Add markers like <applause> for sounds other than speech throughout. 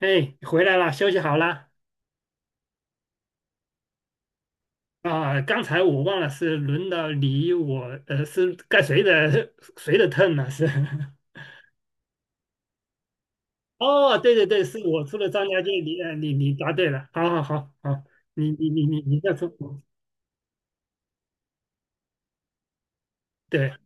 哎，回来了，休息好了。啊！刚才我忘了是轮到你我，是该谁的 turn 呢？是。 <laughs> 哦，对对对，是我出了张家界，你答对了，好好好好。你再说。对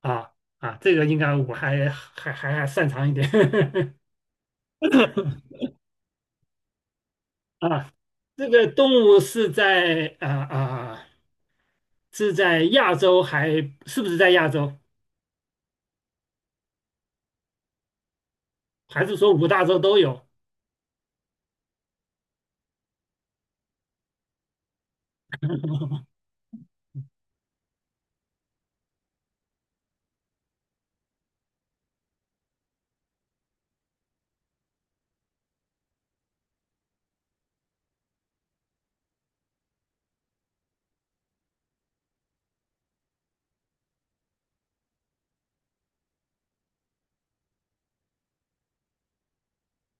啊啊，这个应该我还擅长一点。 <laughs> 啊。这个动物是在是在亚洲还是不是在亚洲？还是说五大洲都有？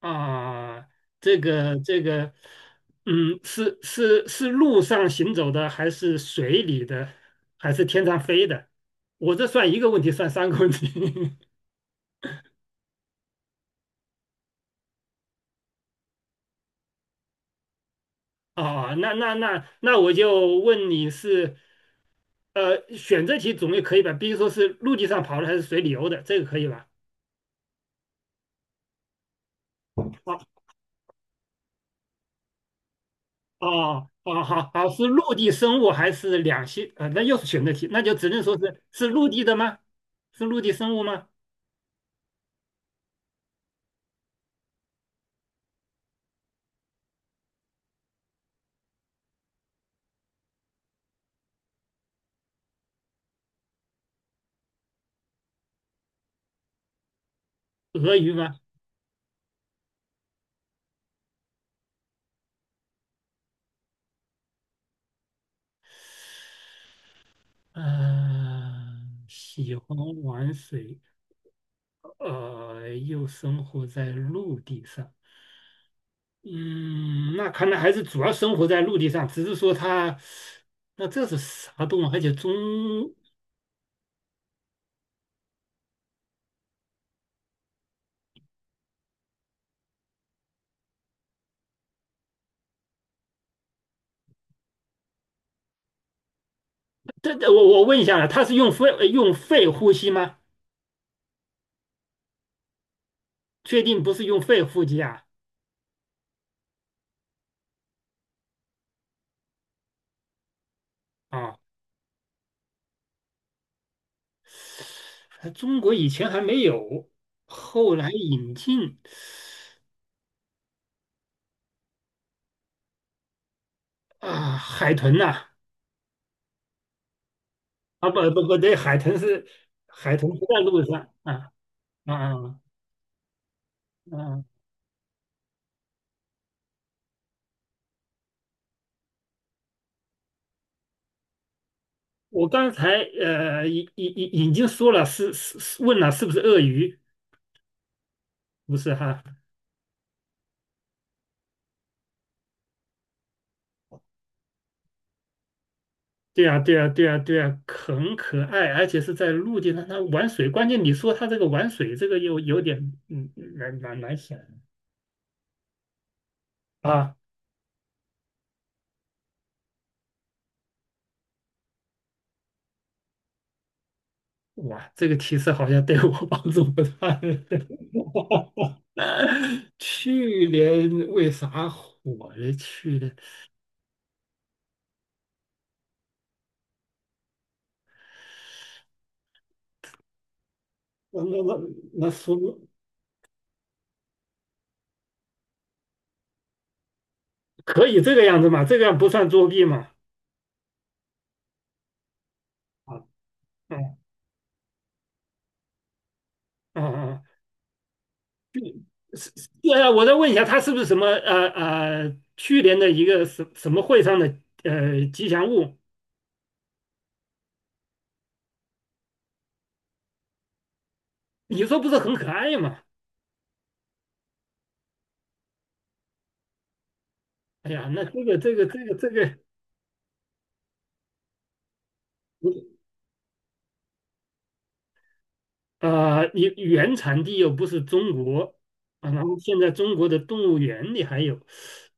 啊，这个这个，是路上行走的，还是水里的，还是天上飞的？我这算一个问题，算3个问题。<laughs> 啊，那我就问你是，选择题总也可以吧？比如说是陆地上跑的还是水里游的，这个可以吧？哦哦哦，好好，是陆地生物还是两栖？那又是选择题，那就只能说是陆地的吗？是陆地生物吗？鳄鱼吗？嗯、喜欢玩水，又生活在陆地上。嗯，那看来还是主要生活在陆地上，只是说它，那这是啥动物？而且中，这我问一下了，它是用肺呼吸吗？确定不是用肺呼吸啊？啊，中国以前还没有，后来引进。啊，海豚呐、啊，不不不对，海豚不在陆上啊。啊啊！我刚才呃已已已已经说了，是问了是不是鳄鱼？不是哈？对啊，对啊，对啊，对啊，很可爱，而且是在陆地上它玩水。关键你说它这个玩水，这个又有点。嗯难想啊！哇，这个提示好像对我帮助不大。<laughs> 去年为啥火了？去年。那那那那说，可以这个样子嘛？这个样不算作弊嘛？啊。嗯啊，是我再问一下，它是不是什么去年的一个什么会上的吉祥物？你说不是很可爱吗？哎呀，那这个，你原产地又不是中国啊，然后现在中国的动物园里还有。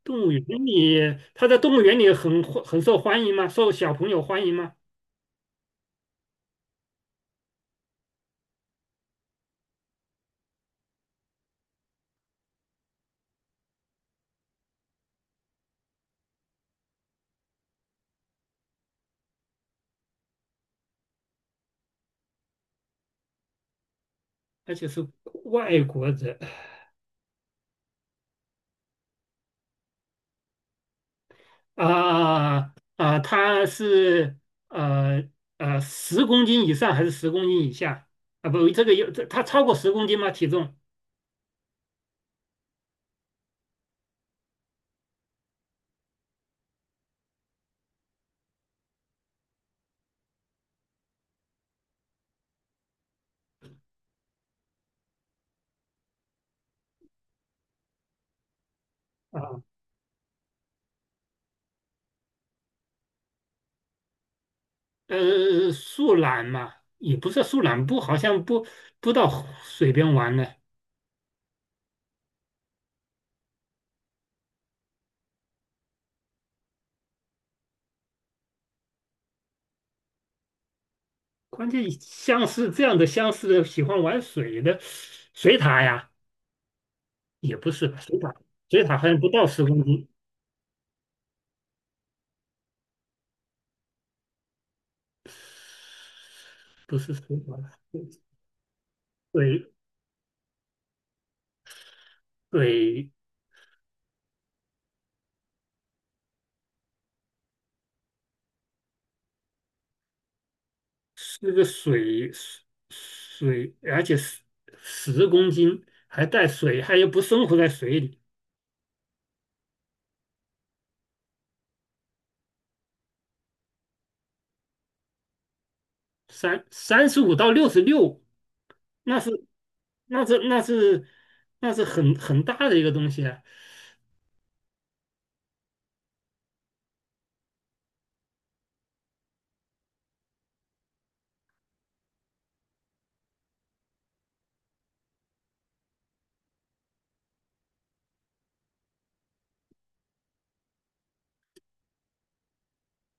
动物园里它在动物园里很受欢迎吗？受小朋友欢迎吗？而且是外国人。它是呃10公斤以上还是10公斤以下？啊，不，这个有这它超过十公斤吗？体重。啊，树懒嘛，也不是树懒，不，好像不到水边玩呢。关键像是这样的，相似的喜欢玩水的水獭呀，也不是吧？水獭，水獭好像不到十公斤，不是水獭，水水。那个水，而且十公斤还带水，它又不生活在水里。三35到66。那是那是那是很大的一个东西啊！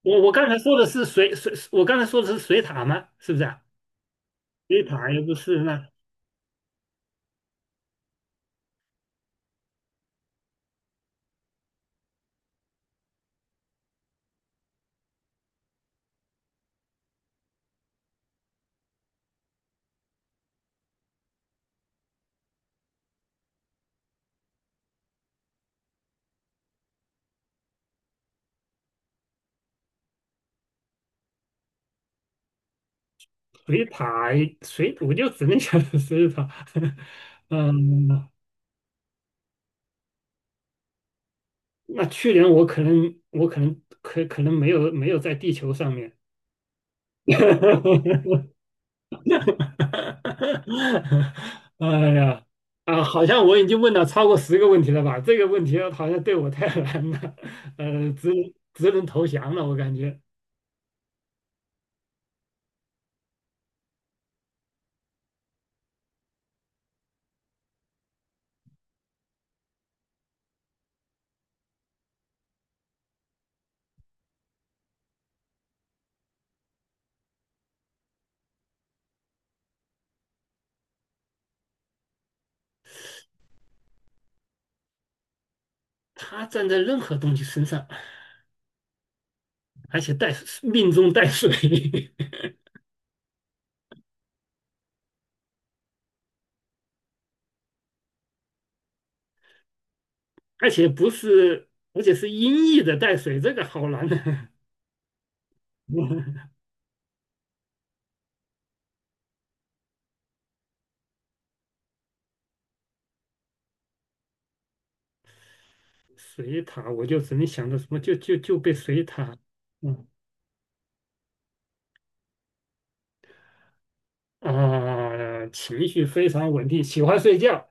我刚才说的是水，我刚才说的是水塔吗？是不是啊？水塔也不是，那水塔水我就只能想到水塔。<laughs> 嗯。那去年我可能没有在地球上面。<laughs> <laughs> 哈哈哈！哈哈！哎呀，啊，好像我已经问了超过10个问题了吧？这个问题好像对我太难了，只能投降了，我感觉。他站在任何东西身上，而且命中带水。<laughs> 而且不是，而且是音译的带水，这个好难的。<laughs> 水塔，我就只能想到什么，就被水塔。嗯情绪非常稳定，喜欢睡觉。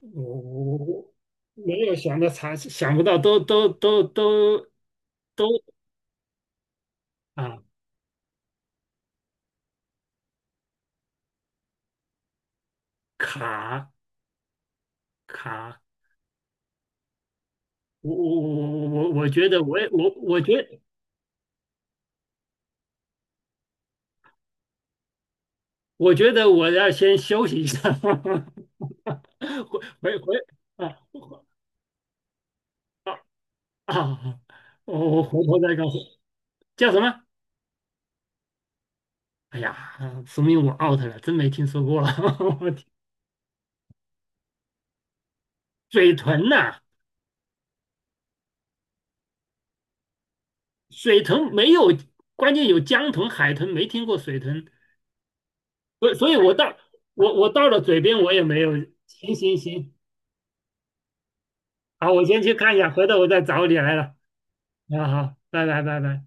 我没有想到查，想不到都啊卡卡，我我我觉得我也我觉得，我要先休息一下。<laughs> 回回回啊啊！啊！我回头再告诉你叫什么？哎呀，说明我 out 了，真没听说过。<laughs> 我天。水豚呐、水豚没有，关键有江豚、海豚，没听过水豚。所以我到了嘴边我也没有。行行行，好，我先去看一下，回头我再找你来了。啊，好，拜拜拜拜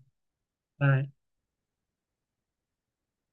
拜。